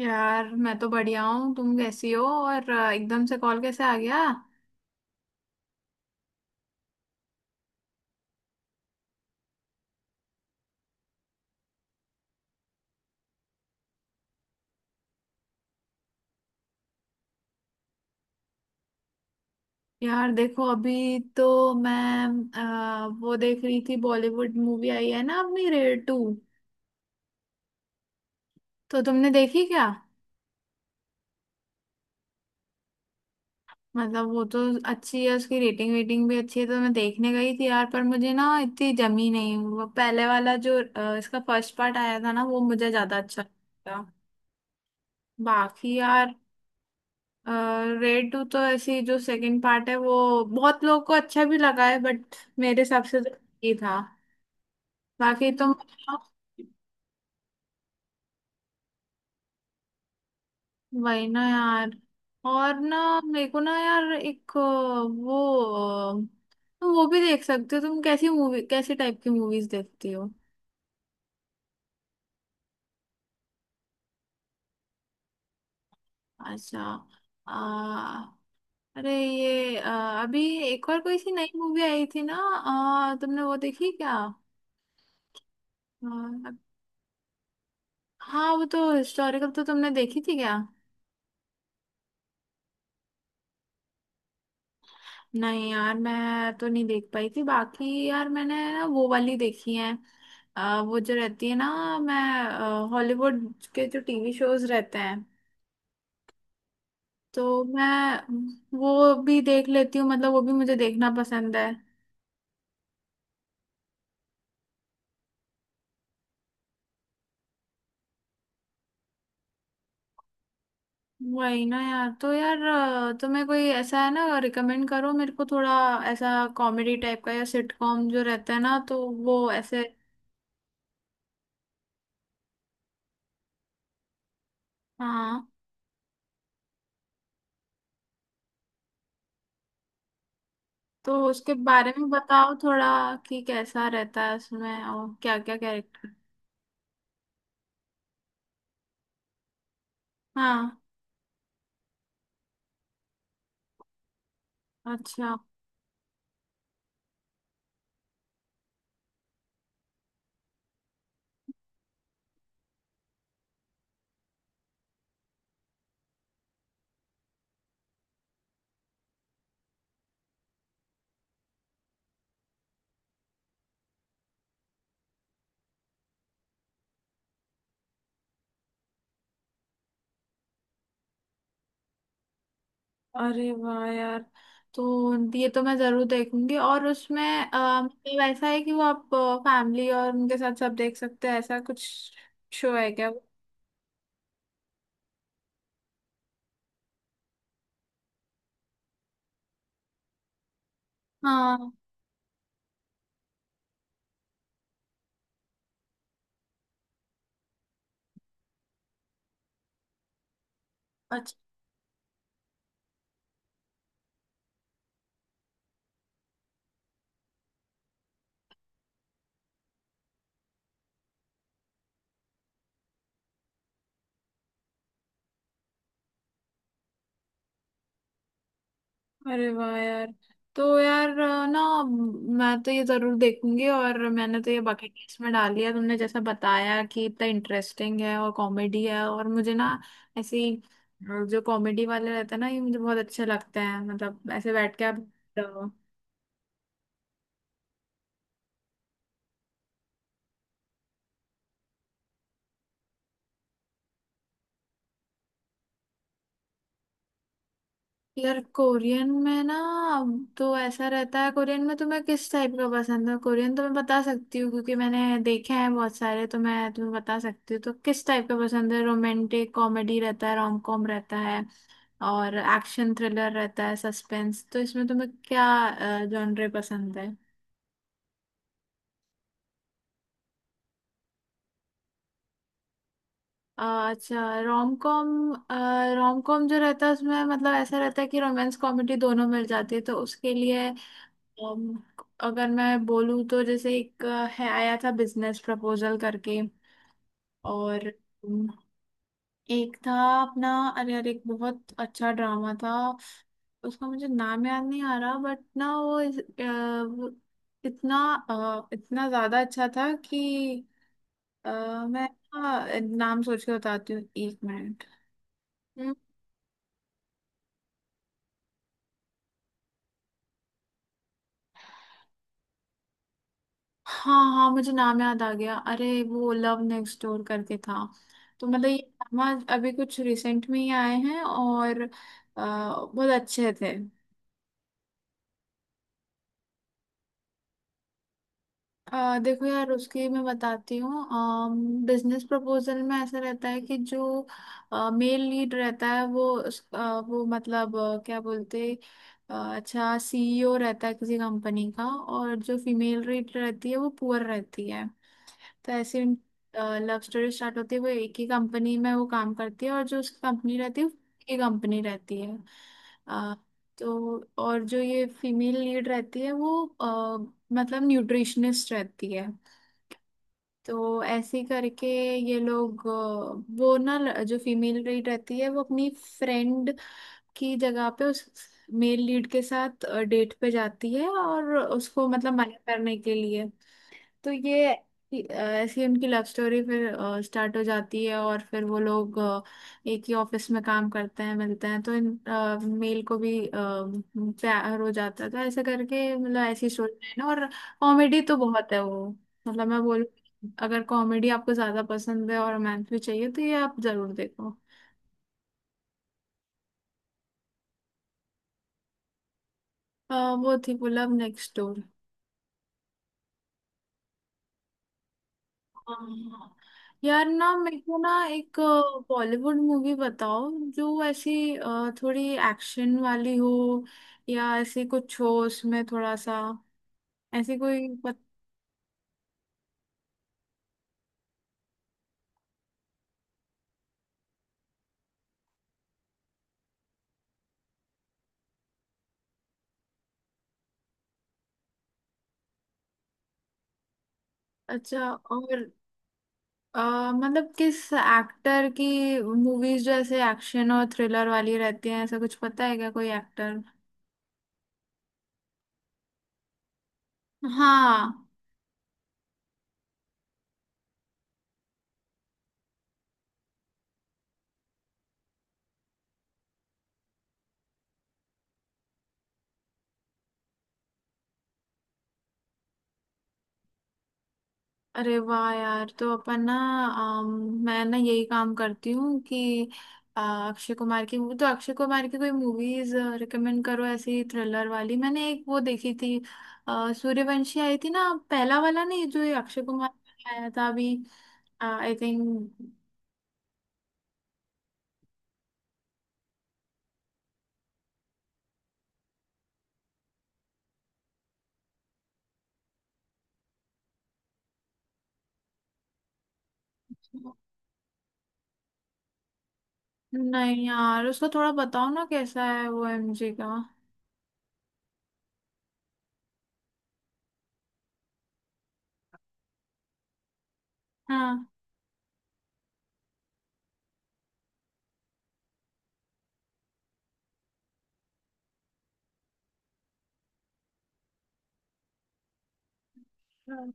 यार मैं तो बढ़िया हूँ। तुम कैसी हो और एकदम से कॉल कैसे आ गया? यार देखो अभी तो मैं वो देख रही थी, बॉलीवुड मूवी आई है ना अपनी रेड टू, तो तुमने देखी क्या? मतलब वो तो अच्छी है, उसकी रेटिंग वेटिंग भी अच्छी है, तो मैं देखने गई थी यार, पर मुझे ना इतनी जमी नहीं। वो पहले वाला जो इसका फर्स्ट पार्ट आया था ना, वो मुझे ज्यादा अच्छा लगा। बाकी यार रेड टू तो ऐसी, जो सेकंड पार्ट है वो बहुत लोगों को अच्छा भी लगा है, बट मेरे हिसाब से तो ही था। बाकी तुम बताओ। वही ना यार। और ना मेरे को ना यार एक वो वो भी देख सकते हो। तुम कैसी मूवी, कैसे टाइप की मूवीज देखती हो? अच्छा। आ, अरे ये अभी एक और कोई सी नई मूवी आई थी ना, तुमने वो देखी क्या? अ, हाँ वो तो हिस्टोरिकल, तो तुमने देखी थी क्या? नहीं यार मैं तो नहीं देख पाई थी। बाकी यार मैंने ना वो वाली देखी है, वो जो रहती है ना, मैं हॉलीवुड के जो टीवी शोज रहते हैं तो मैं वो भी देख लेती हूँ, मतलब वो भी मुझे देखना पसंद है। वही ना यार। तो यार तुम्हें कोई ऐसा है ना, रिकमेंड करो मेरे को थोड़ा, ऐसा कॉमेडी टाइप का या सिटकॉम जो रहता है ना तो वो ऐसे। हाँ तो उसके बारे में बताओ थोड़ा, कि कैसा रहता है उसमें और क्या क्या कैरेक्टर। हाँ। अच्छा। अरे वाह यार, तो ये तो मैं जरूर देखूंगी। और उसमें मतलब ऐसा है कि वो आप फैमिली और उनके साथ सब देख सकते हैं, ऐसा कुछ शो है क्या वो? हाँ। अच्छा। अरे वाह यार। तो यार ना मैं तो ये जरूर देखूंगी, और मैंने तो ये बकेट लिस्ट में डाल लिया, तुमने जैसा बताया कि इतना इंटरेस्टिंग है और कॉमेडी है। और मुझे ना ऐसी जो कॉमेडी वाले रहते हैं ना ये मुझे बहुत अच्छे लगते हैं, मतलब ऐसे बैठ के आप। यार कोरियन में ना तो ऐसा रहता है, कोरियन में तुम्हें किस टाइप का पसंद है? कोरियन तो मैं बता सकती हूँ क्योंकि मैंने देखे हैं बहुत सारे, तो मैं तुम्हें बता सकती हूँ। तो किस टाइप का पसंद है? रोमांटिक कॉमेडी रहता है, रोम कॉम रहता है और एक्शन थ्रिलर रहता है, सस्पेंस। तो इसमें तुम्हें क्या जॉनरे पसंद है? अ, अच्छा, रोम कॉम। रोम कॉम जो रहता है उसमें मतलब ऐसा रहता है कि रोमांस कॉमेडी दोनों मिल जाती है। तो उसके लिए Um, अगर मैं बोलूँ तो, जैसे एक है आया था बिजनेस प्रपोजल करके। और um, एक था अपना, अरे यार एक बहुत अच्छा ड्रामा था, उसका मुझे नाम याद नहीं आ रहा, बट ना वो वो इतना इतना ज्यादा अच्छा था कि अ, मैं ना, नाम सोच के बताती हूँ, एक मिनट। हाँ हाँ मुझे नाम याद आ गया, अरे वो लव नेक्स्ट डोर करके था। तो मतलब ये ड्रामा अभी कुछ रिसेंट में ही आए हैं और बहुत अच्छे थे। देखो यार उसकी मैं बताती हूँ। बिजनेस प्रपोजल में ऐसा रहता है कि जो मेल लीड रहता है वो वो मतलब क्या बोलते, अच्छा, सीईओ रहता है किसी कंपनी का, और जो फीमेल लीड रहती है वो पुअर रहती है। तो ऐसी लव स्टोरी स्टार्ट होती है, वो एक ही कंपनी में वो काम करती है, और जो उसकी कंपनी रहती है वो एक ही कंपनी रहती है। अ, तो और जो ये फीमेल लीड रहती है वो अ, मतलब न्यूट्रिशनिस्ट रहती है। तो ऐसे ही करके ये लोग वो ना जो फीमेल लीड रहती है वो अपनी फ्रेंड की जगह पे उस मेल लीड के साथ डेट पे जाती है, और उसको मतलब मना करने के लिए। तो ये ऐसी उनकी लव स्टोरी फिर स्टार्ट हो जाती है, और फिर वो लोग एक ही ऑफिस में काम करते हैं, मिलते हैं, तो इन मेल को भी प्यार हो जाता है। तो ऐसे करके मतलब ऐसी स्टोरी है ना। और कॉमेडी तो बहुत है वो, मतलब मैं बोलूँ अगर कॉमेडी आपको ज्यादा पसंद है और रोमांस भी चाहिए तो ये आप जरूर देखो। अ, वो थी पुल अप नेक्स्ट डोर। हाँ। यार ना मेरे को ना एक बॉलीवुड मूवी बताओ, जो ऐसी थोड़ी एक्शन वाली हो, या ऐसी कुछ हो उसमें थोड़ा सा, ऐसी कोई पत... अच्छा, और मतलब किस एक्टर की मूवीज जो ऐसे एक्शन और थ्रिलर वाली रहती हैं, ऐसा कुछ पता है क्या कोई एक्टर? हाँ। अरे वाह यार, तो अपन ना अम, मैं ना यही काम करती हूँ कि अक्षय कुमार की मूवी, तो अक्षय कुमार की कोई मूवीज रिकमेंड करो ऐसी थ्रिलर वाली। मैंने एक वो देखी थी सूर्यवंशी आई थी ना, पहला वाला नहीं जो ये अक्षय कुमार का आया था अभी, आई थिंक। नहीं यार उसको थोड़ा बताओ ना कैसा है वो एमजी का। हाँ।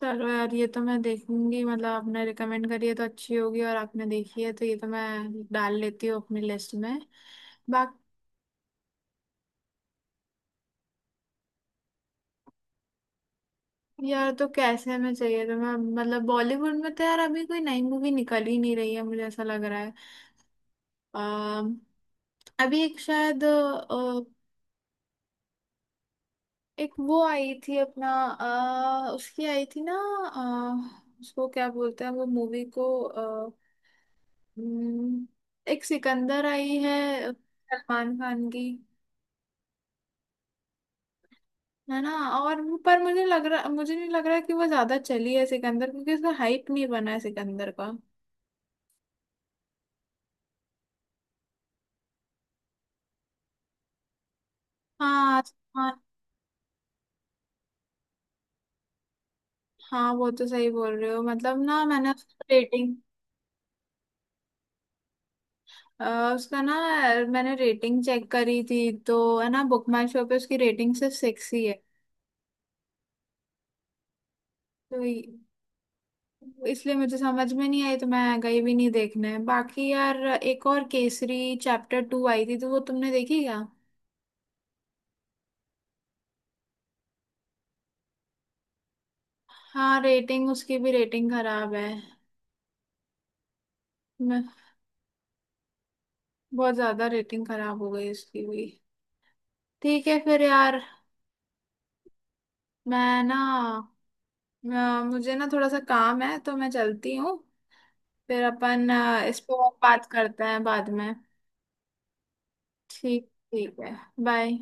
चलो यार ये तो मैं देखूंगी, मतलब आपने रिकमेंड करी है तो अच्छी होगी, और आपने देखी है तो ये तो मैं डाल लेती हूँ अपनी लिस्ट में। बाकी यार, तो कैसे में चाहिए तो मैं मतलब बॉलीवुड में तो यार अभी कोई नई मूवी निकल ही नहीं रही है, मुझे ऐसा लग रहा है। अम, अभी एक शायद एक वो आई थी अपना, उसकी आई थी ना, उसको क्या बोलते हैं वो मूवी को, हम्म, एक सिकंदर आई है सलमान खान की, है ना? और पर मुझे लग रहा, मुझे नहीं लग रहा कि वो ज्यादा चली है सिकंदर, क्योंकि उसका हाइप नहीं बना है सिकंदर का। हाँ हाँ हाँ, वो तो सही बोल रहे हो। मतलब ना मैंने उसका रेटिंग, उसका ना, मैंने रेटिंग चेक करी थी तो है ना बुक माई शो पे उसकी रेटिंग सिर्फ 6 ही है। तो इसलिए मुझे समझ में नहीं आई, तो मैं गई भी नहीं देखने। बाकी यार एक और केसरी चैप्टर टू आई थी, तो वो तुमने देखी क्या? हाँ, रेटिंग उसकी भी रेटिंग खराब है। मैं बहुत ज्यादा रेटिंग खराब हो गई उसकी भी। ठीक है फिर यार, मैं ना मुझे ना थोड़ा सा काम है तो मैं चलती हूँ। फिर अपन इस पर बात करते हैं बाद में। ठीक, ठीक है। बाय।